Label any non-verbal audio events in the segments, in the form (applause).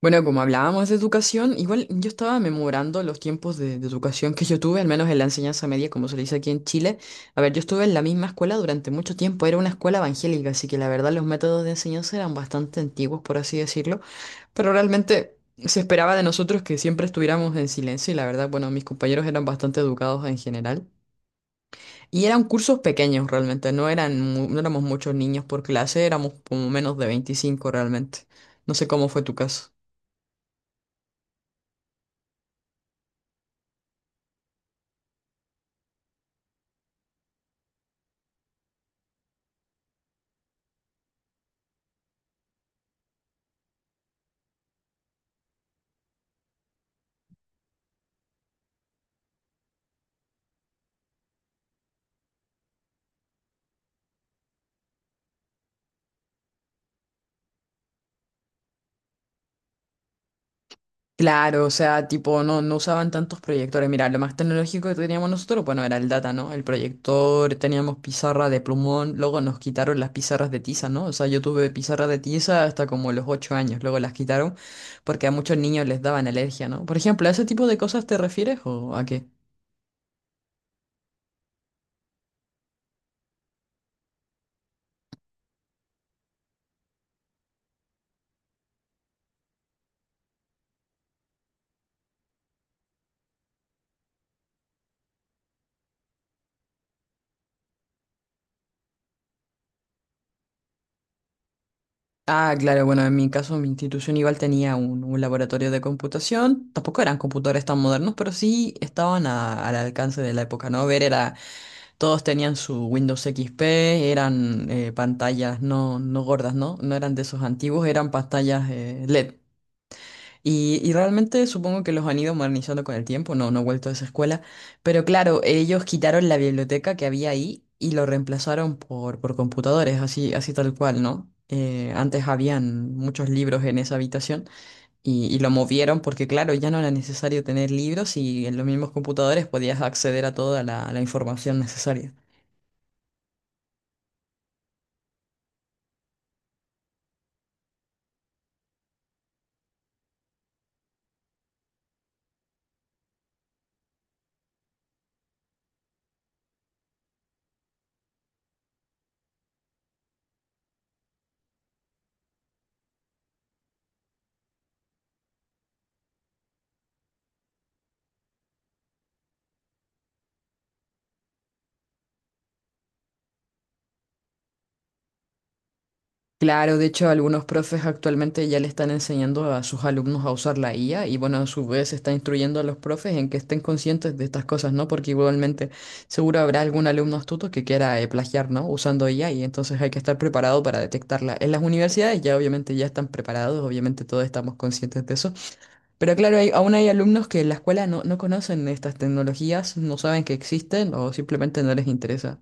Bueno, como hablábamos de educación, igual yo estaba memorando los tiempos de educación que yo tuve, al menos en la enseñanza media, como se le dice aquí en Chile. A ver, yo estuve en la misma escuela durante mucho tiempo, era una escuela evangélica, así que la verdad los métodos de enseñanza eran bastante antiguos, por así decirlo, pero realmente se esperaba de nosotros que siempre estuviéramos en silencio y la verdad, bueno, mis compañeros eran bastante educados en general. Y eran cursos pequeños realmente, no eran, no éramos muchos niños por clase, éramos como menos de 25, realmente. No sé cómo fue tu caso. Claro, o sea, tipo, no usaban tantos proyectores. Mira, lo más tecnológico que teníamos nosotros, bueno, era el data, ¿no? El proyector, teníamos pizarra de plumón, luego nos quitaron las pizarras de tiza, ¿no? O sea, yo tuve pizarra de tiza hasta como los 8 años, luego las quitaron porque a muchos niños les daban alergia, ¿no? Por ejemplo, ¿a ese tipo de cosas te refieres o a qué? Ah, claro, bueno, en mi caso, mi institución igual tenía un laboratorio de computación. Tampoco eran computadores tan modernos, pero sí estaban al alcance de la época, ¿no? Ver era. Todos tenían su Windows XP, eran pantallas no gordas, ¿no? No eran de esos antiguos, eran pantallas LED. Y realmente supongo que los han ido modernizando con el tiempo, no he vuelto a esa escuela. Pero claro, ellos quitaron la biblioteca que había ahí y lo reemplazaron por computadores, así, así tal cual, ¿no? Antes habían muchos libros en esa habitación y lo movieron porque, claro, ya no era necesario tener libros y en los mismos computadores podías acceder a toda la información necesaria. Claro, de hecho algunos profes actualmente ya le están enseñando a sus alumnos a usar la IA y bueno, a su vez está instruyendo a los profes en que estén conscientes de estas cosas, ¿no? Porque igualmente seguro habrá algún alumno astuto que quiera plagiar, ¿no? Usando IA y entonces hay que estar preparado para detectarla. En las universidades ya obviamente ya están preparados, obviamente todos estamos conscientes de eso. Pero claro, aún hay alumnos que en la escuela no conocen estas tecnologías, no saben que existen o simplemente no les interesa.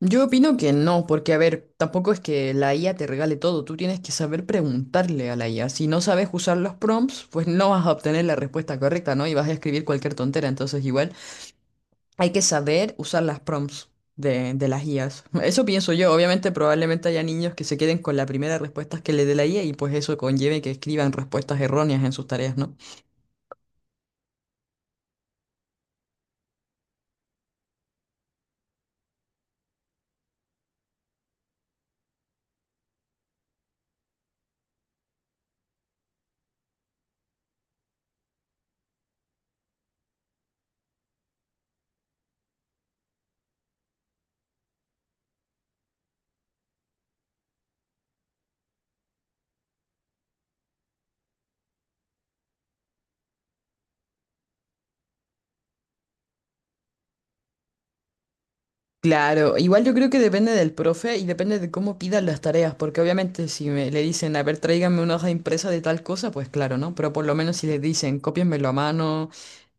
Yo opino que no, porque a ver, tampoco es que la IA te regale todo, tú tienes que saber preguntarle a la IA. Si no sabes usar los prompts, pues no vas a obtener la respuesta correcta, ¿no? Y vas a escribir cualquier tontera, entonces igual hay que saber usar las prompts de las IAs. (laughs) Eso pienso yo, obviamente probablemente haya niños que se queden con la primera respuesta que le dé la IA y pues eso conlleve que escriban respuestas erróneas en sus tareas, ¿no? Claro, igual yo creo que depende del profe y depende de cómo pidan las tareas, porque obviamente si me, le dicen, a ver, tráiganme una hoja impresa de tal cosa, pues claro, ¿no? Pero por lo menos si les dicen, cópienmelo a mano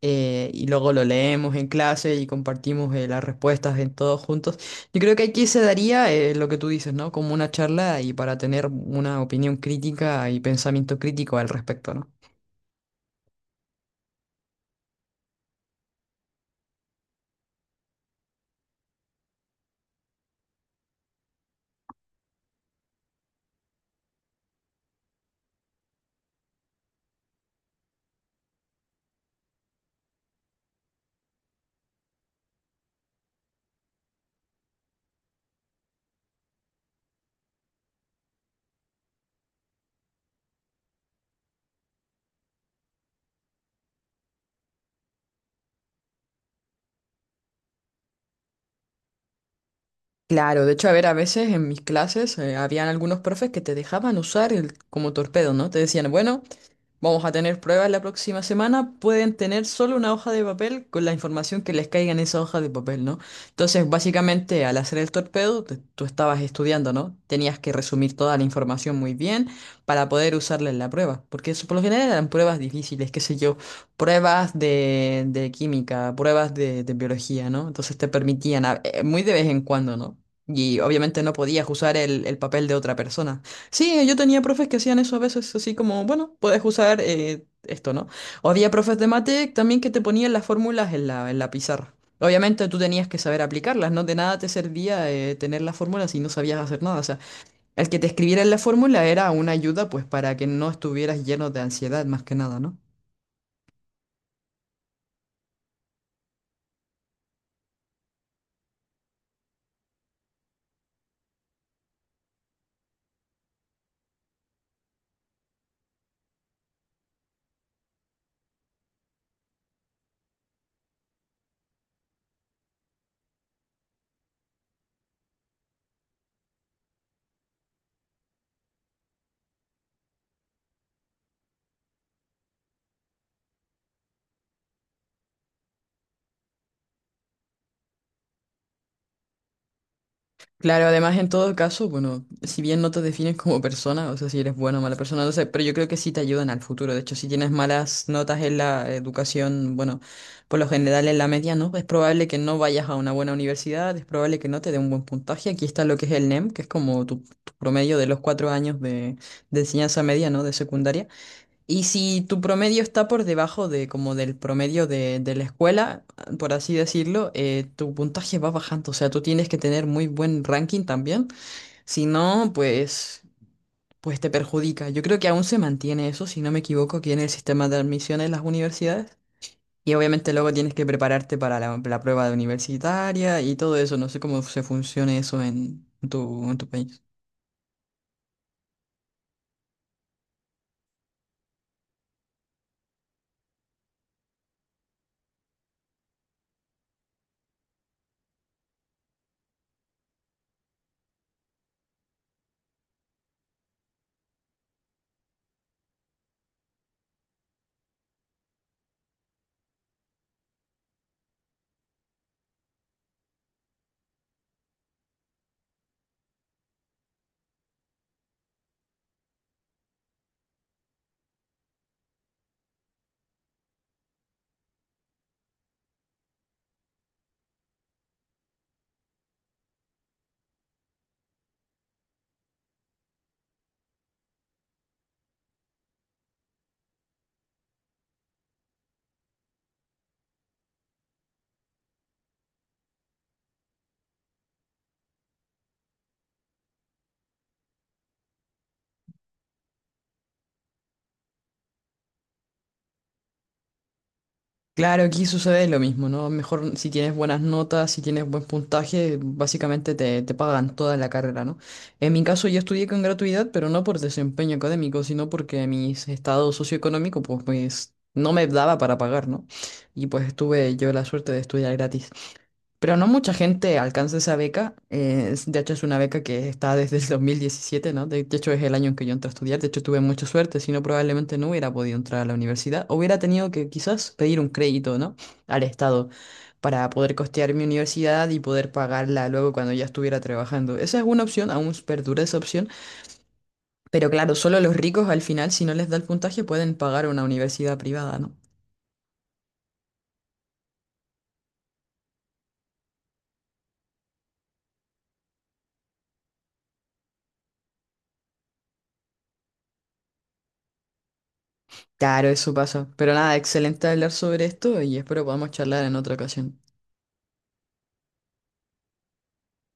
y luego lo leemos en clase y compartimos las respuestas en todos juntos, yo creo que aquí se daría lo que tú dices, ¿no? Como una charla y para tener una opinión crítica y pensamiento crítico al respecto, ¿no? Claro, de hecho, a ver, a veces en mis clases habían algunos profes que te dejaban usar el, como torpedo, ¿no? Te decían, bueno, vamos a tener pruebas la próxima semana. Pueden tener solo una hoja de papel con la información que les caiga en esa hoja de papel, ¿no? Entonces, básicamente, al hacer el torpedo, tú estabas estudiando, ¿no? Tenías que resumir toda la información muy bien para poder usarla en la prueba. Porque eso, por lo general, eran pruebas difíciles, qué sé yo, pruebas de química, pruebas de biología, ¿no? Entonces te permitían, muy de vez en cuando, ¿no? Y obviamente no podías usar el papel de otra persona. Sí, yo tenía profes que hacían eso a veces, así como, bueno, puedes usar esto, ¿no? O había profes de mate también que te ponían las fórmulas en la pizarra. Obviamente tú tenías que saber aplicarlas, ¿no? De nada te servía tener las fórmulas si no sabías hacer nada. O sea, el que te escribiera en la fórmula era una ayuda, pues, para que no estuvieras lleno de ansiedad, más que nada, ¿no? Claro, además en todo caso, bueno, si bien no te defines como persona, o sea, si eres buena o mala persona, no sé, pero yo creo que sí te ayudan al futuro. De hecho, si tienes malas notas en la educación, bueno, por lo general en la media, ¿no? Es probable que no vayas a una buena universidad, es probable que no te dé un buen puntaje. Aquí está lo que es el NEM, que es como tu promedio de los 4 años de enseñanza media, ¿no? De secundaria. Y si tu promedio está por debajo de como del promedio de la escuela, por así decirlo, tu puntaje va bajando. O sea, tú tienes que tener muy buen ranking también. Si no, pues te perjudica. Yo creo que aún se mantiene eso, si no me equivoco, aquí en el sistema de admisión en las universidades. Y obviamente luego tienes que prepararte para la, la prueba universitaria y todo eso. No sé cómo se funciona eso en en tu país. Claro, aquí sucede lo mismo, ¿no? Mejor si tienes buenas notas, si tienes buen puntaje, básicamente te pagan toda la carrera, ¿no? En mi caso yo estudié con gratuidad, pero no por desempeño académico, sino porque mi estado socioeconómico, pues no me daba para pagar, ¿no? Y pues tuve yo la suerte de estudiar gratis. Pero no mucha gente alcanza esa beca. De hecho, es una beca que está desde el 2017, ¿no? De hecho, es el año en que yo entré a estudiar. De hecho, tuve mucha suerte, si no, probablemente no hubiera podido entrar a la universidad. Hubiera tenido que quizás pedir un crédito, ¿no? Al Estado para poder costear mi universidad y poder pagarla luego cuando ya estuviera trabajando. Esa es una opción, aún perdura esa opción. Pero claro, solo los ricos al final, si no les da el puntaje, pueden pagar una universidad privada, ¿no? Claro, eso pasa. Pero nada, excelente hablar sobre esto y espero podamos charlar en otra ocasión.